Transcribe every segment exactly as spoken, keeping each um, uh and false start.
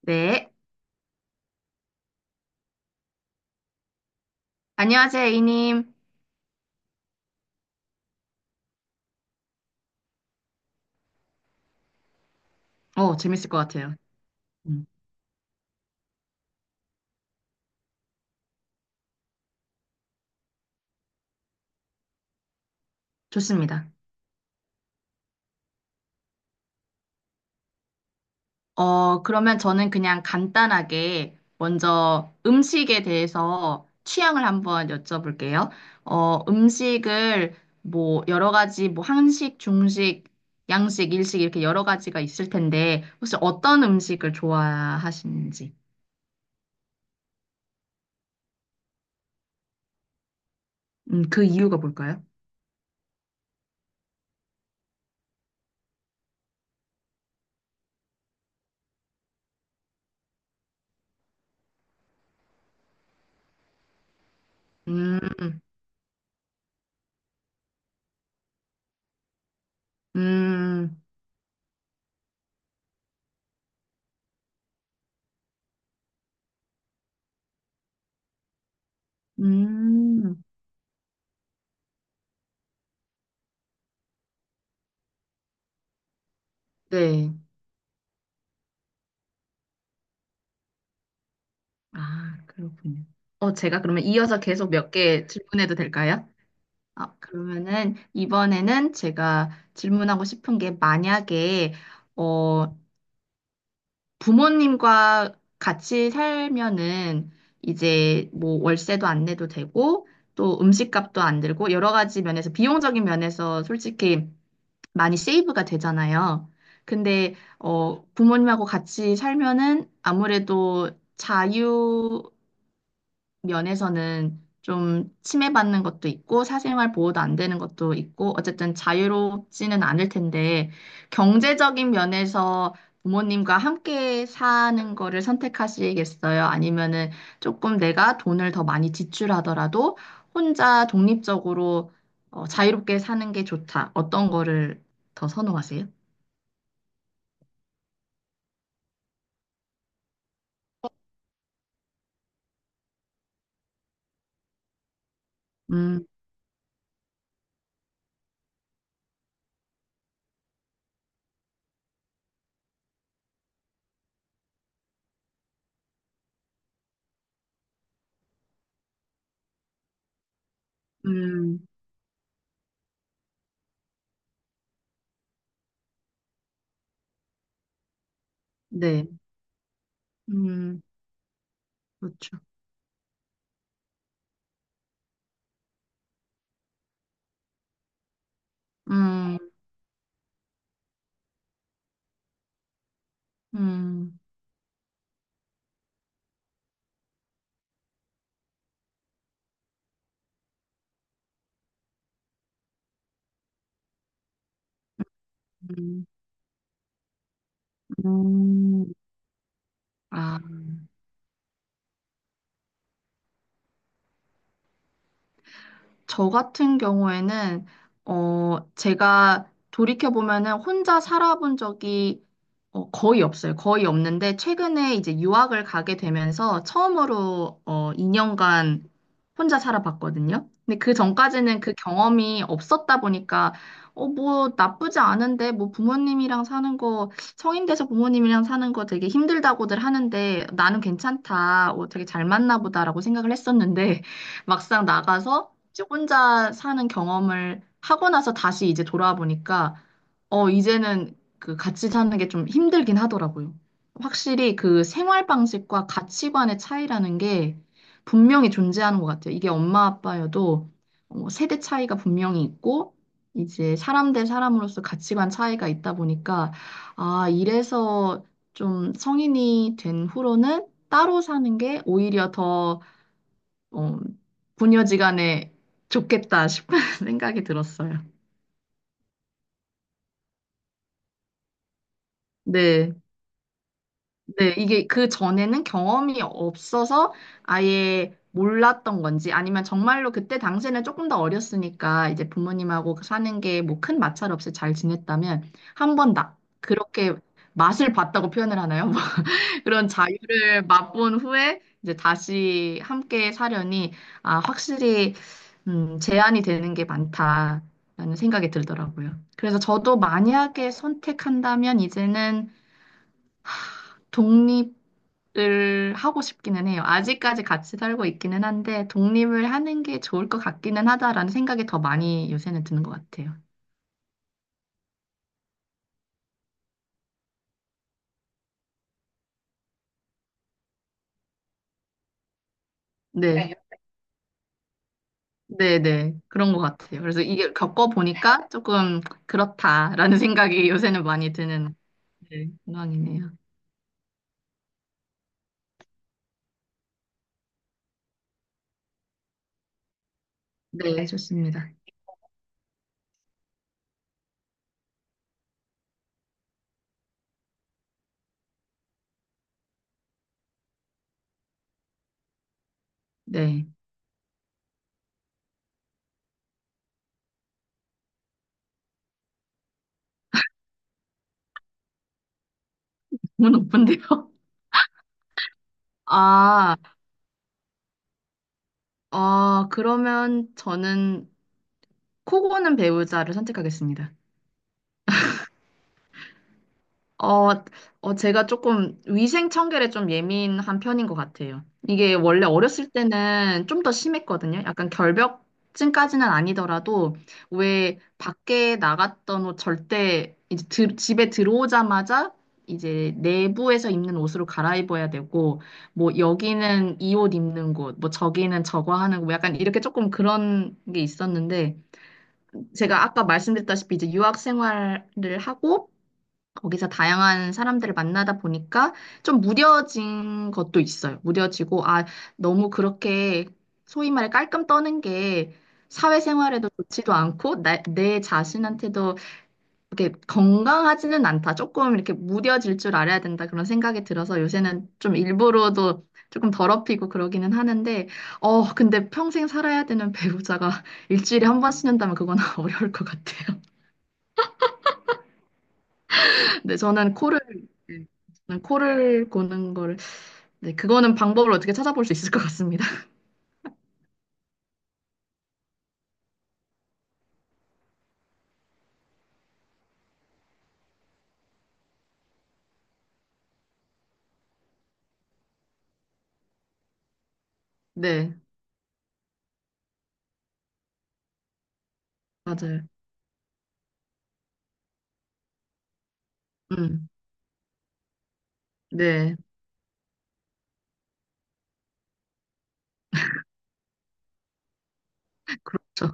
네. 안녕하세요, A님. 어, 재밌을 것 같아요. 음, 좋습니다. 어, 그러면 저는 그냥 간단하게 먼저 음식에 대해서 취향을 한번 여쭤볼게요. 어, 음식을 뭐 여러 가지 뭐 한식, 중식, 양식, 일식 이렇게 여러 가지가 있을 텐데 혹시 어떤 음식을 좋아하시는지. 음, 그 이유가 뭘까요? 음, 음, 음, 네. 아, 그렇군요. 어, 제가 그러면 이어서 계속 몇 개 질문해도 될까요? 아, 그러면은 이번에는 제가 질문하고 싶은 게 만약에 어, 부모님과 같이 살면은 이제 뭐 월세도 안 내도 되고 또 음식값도 안 들고 여러 가지 면에서 비용적인 면에서 솔직히 많이 세이브가 되잖아요. 근데 어, 부모님하고 같이 살면은 아무래도 자유 면에서는 좀 침해받는 것도 있고 사생활 보호도 안 되는 것도 있고 어쨌든 자유롭지는 않을 텐데 경제적인 면에서 부모님과 함께 사는 거를 선택하시겠어요? 아니면은 조금 내가 돈을 더 많이 지출하더라도 혼자 독립적으로 어, 자유롭게 사는 게 좋다. 어떤 거를 더 선호하세요? 음, 음, 네. 음, 그렇죠. 음, 음, 음, 음. 아, 저 같은 경우에는, 어, 제가 돌이켜보면은 혼자 살아본 적이 어, 거의 없어요. 거의 없는데, 최근에 이제 유학을 가게 되면서 처음으로 어, 이 년간 혼자 살아봤거든요. 근데 그 전까지는 그 경험이 없었다 보니까, 어, 뭐 나쁘지 않은데, 뭐 부모님이랑 사는 거, 성인 돼서 부모님이랑 사는 거 되게 힘들다고들 하는데, 나는 괜찮다. 어, 되게 잘 맞나 보다라고 생각을 했었는데, 막상 나가서 이제 혼자 사는 경험을 하고 나서 다시 이제 돌아와 보니까, 어, 이제는 그 같이 사는 게 좀 힘들긴 하더라고요. 확실히 그 생활 방식과 가치관의 차이라는 게 분명히 존재하는 것 같아요. 이게 엄마 아빠여도 어, 세대 차이가 분명히 있고, 이제 사람 대 사람으로서 가치관 차이가 있다 보니까, 아, 이래서 좀 성인이 된 후로는 따로 사는 게 오히려 더 어, 부녀지간에 좋겠다 싶은 생각이 들었어요. 네, 네, 이게 그 전에는 경험이 없어서 아예 몰랐던 건지 아니면 정말로 그때 당시에는 조금 더 어렸으니까 이제 부모님하고 사는 게 뭐 큰 마찰 없이 잘 지냈다면 한 번 나, 그렇게 맛을 봤다고 표현을 하나요? 그런 자유를 맛본 후에 이제 다시 함께 사려니 아, 확실히 음, 제한이 되는 게 많다라는 생각이 들더라고요. 그래서 저도 만약에 선택한다면 이제는 독립을 하고 싶기는 해요. 아직까지 같이 살고 있기는 한데 독립을 하는 게 좋을 것 같기는 하다라는 생각이 더 많이 요새는 드는 것 같아요. 네. 그 네, 네. 그런 것 같아요. 그래서 이게 겪어보니까 조금 그렇다라는 생각이 요새는 많이 드는 네, 공항이네요. 네, 네. 좋습니다. 네. 너무 높은데요? 아, 어, 그러면 저는 코고는 배우자를 선택하겠습니다. 어, 어, 제가 조금 위생 청결에 좀 예민한 편인 것 같아요. 이게 원래 어렸을 때는 좀 더 심했거든요. 약간 결벽증까지는 아니더라도 왜 밖에 나갔던 옷 절대 이제 드- 집에 들어오자마자 이제 내부에서 입는 옷으로 갈아입어야 되고 뭐 여기는 이 옷 입는 곳, 뭐 저기는 저거 하는 곳, 약간 이렇게 조금 그런 게 있었는데 제가 아까 말씀드렸다시피 이제 유학 생활을 하고 거기서 다양한 사람들을 만나다 보니까 좀 무뎌진 것도 있어요. 무뎌지고, 아, 너무 그렇게 소위 말해 깔끔 떠는 게 사회생활에도 좋지도 않고, 나, 내 자신한테도 이렇게 건강하지는 않다. 조금 이렇게 무뎌질 줄 알아야 된다. 그런 생각이 들어서 요새는 좀 일부러도 조금 더럽히고 그러기는 하는데, 어, 근데 평생 살아야 되는 배우자가 일주일에 한 번씩 는다면 그건 어려울 것 같아요. 근데 저는 코를 네, 저는 코를 고는 거를 네, 그거는 방법을 어떻게 찾아볼 수 있을 것 같습니다. 네, 맞아요. 음, 네. 저,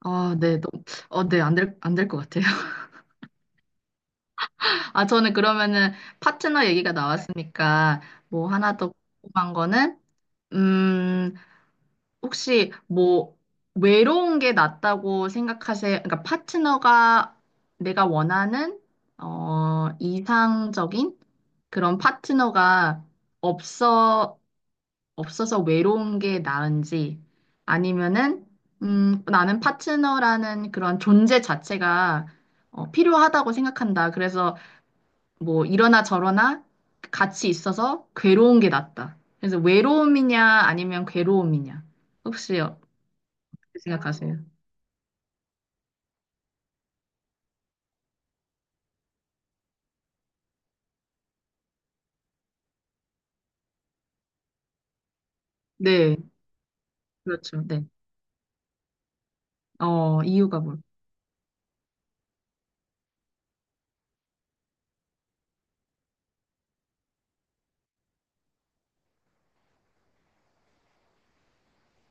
아, 네, 너무, 어, 네, 안 될, 안 될 것 같아요. 아, 저는 그러면은 파트너 얘기가 나왔으니까 뭐 하나 더 궁금한 거는, 음, 혹시 뭐 외로운 게 낫다고 생각하세요? 그러니까 파트너가 내가 원하는, 어, 이상적인 그런 파트너가 없어, 없어서 외로운 게 나은지, 아니면은, 음, 나는 파트너라는 그런 존재 자체가 어, 필요하다고 생각한다. 그래서 뭐 이러나 저러나 같이 있어서 괴로운 게 낫다. 그래서 외로움이냐, 아니면 괴로움이냐. 혹시 어떻게 생각하세요? 네, 그렇죠. 네. 어, 이유가 뭘?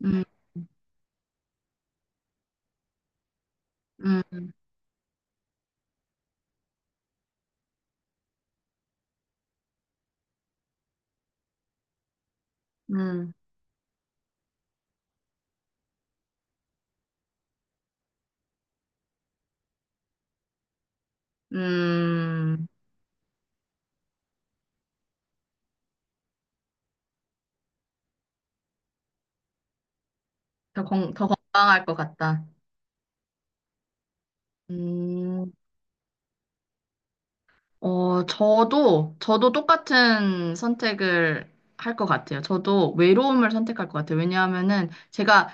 음, 음, 음, 음, 더 건, 더 건강할 것 같다. 음. 어, 저도, 저도 똑같은 선택을 할 것 같아요. 저도 외로움을 선택할 것 같아요. 왜냐하면은 제가,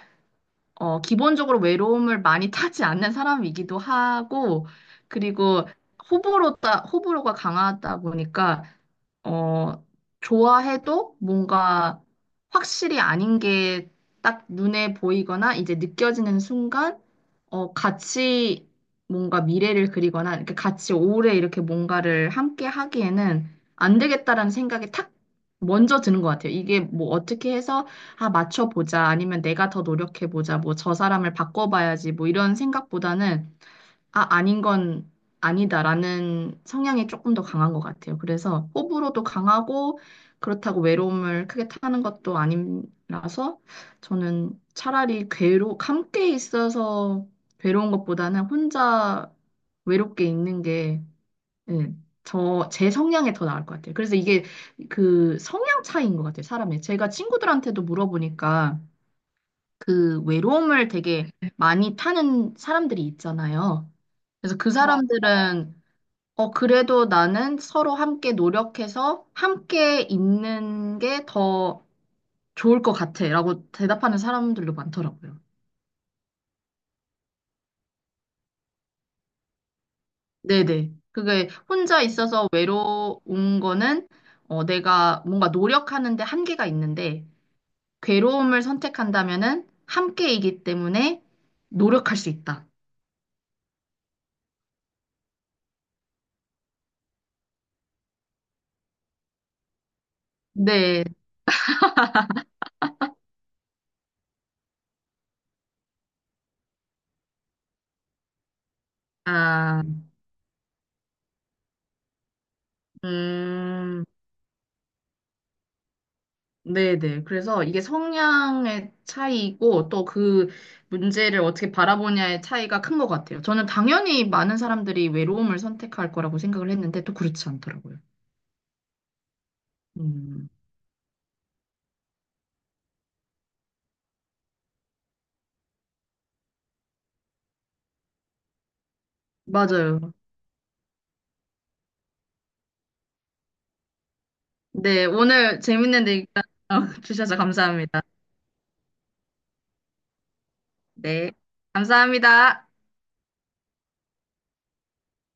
어, 기본적으로 외로움을 많이 타지 않는 사람이기도 하고, 그리고 호불호다, 호불호가 강하다 보니까 어, 좋아해도 뭔가 확실히 아닌 게 딱 눈에 보이거나 이제 느껴지는 순간, 어, 같이 뭔가 미래를 그리거나, 이렇게 같이 오래 이렇게 뭔가를 함께 하기에는 안 되겠다라는 생각이 탁 먼저 드는 것 같아요. 이게 뭐 어떻게 해서, 아, 맞춰보자, 아니면 내가 더 노력해보자, 뭐 저 사람을 바꿔봐야지, 뭐 이런 생각보다는 아, 아닌 건 아니다라는 성향이 조금 더 강한 것 같아요. 그래서 호불호도 강하고 그렇다고 외로움을 크게 타는 것도 아니라서 저는 차라리 괴로, 함께 있어서 괴로운 것보다는 혼자 외롭게 있는 게, 예, 저, 제 성향에 더 나을 것 같아요. 그래서 이게 그 성향 차이인 것 같아요, 사람의. 제가 친구들한테도 물어보니까 그 외로움을 되게 많이 타는 사람들이 있잖아요. 그래서 그 사람들은 어, 그래도 나는 서로 함께 노력해서 함께 있는 게 더 좋을 것 같아. 라고 대답하는 사람들도 많더라고요. 네네. 그게 혼자 있어서 외로운 거는 어, 내가 뭔가 노력하는데 한계가 있는데 괴로움을 선택한다면은 함께이기 때문에 노력할 수 있다. 네. 아, 음. 네네. 그래서 이게 성향의 차이고 또 그 문제를 어떻게 바라보냐의 차이가 큰 것 같아요. 저는 당연히 많은 사람들이 외로움을 선택할 거라고 생각을 했는데 또 그렇지 않더라고요. 음, 맞아요. 네, 오늘 재밌는 얘기 주셔서 감사합니다. 네, 감사합니다.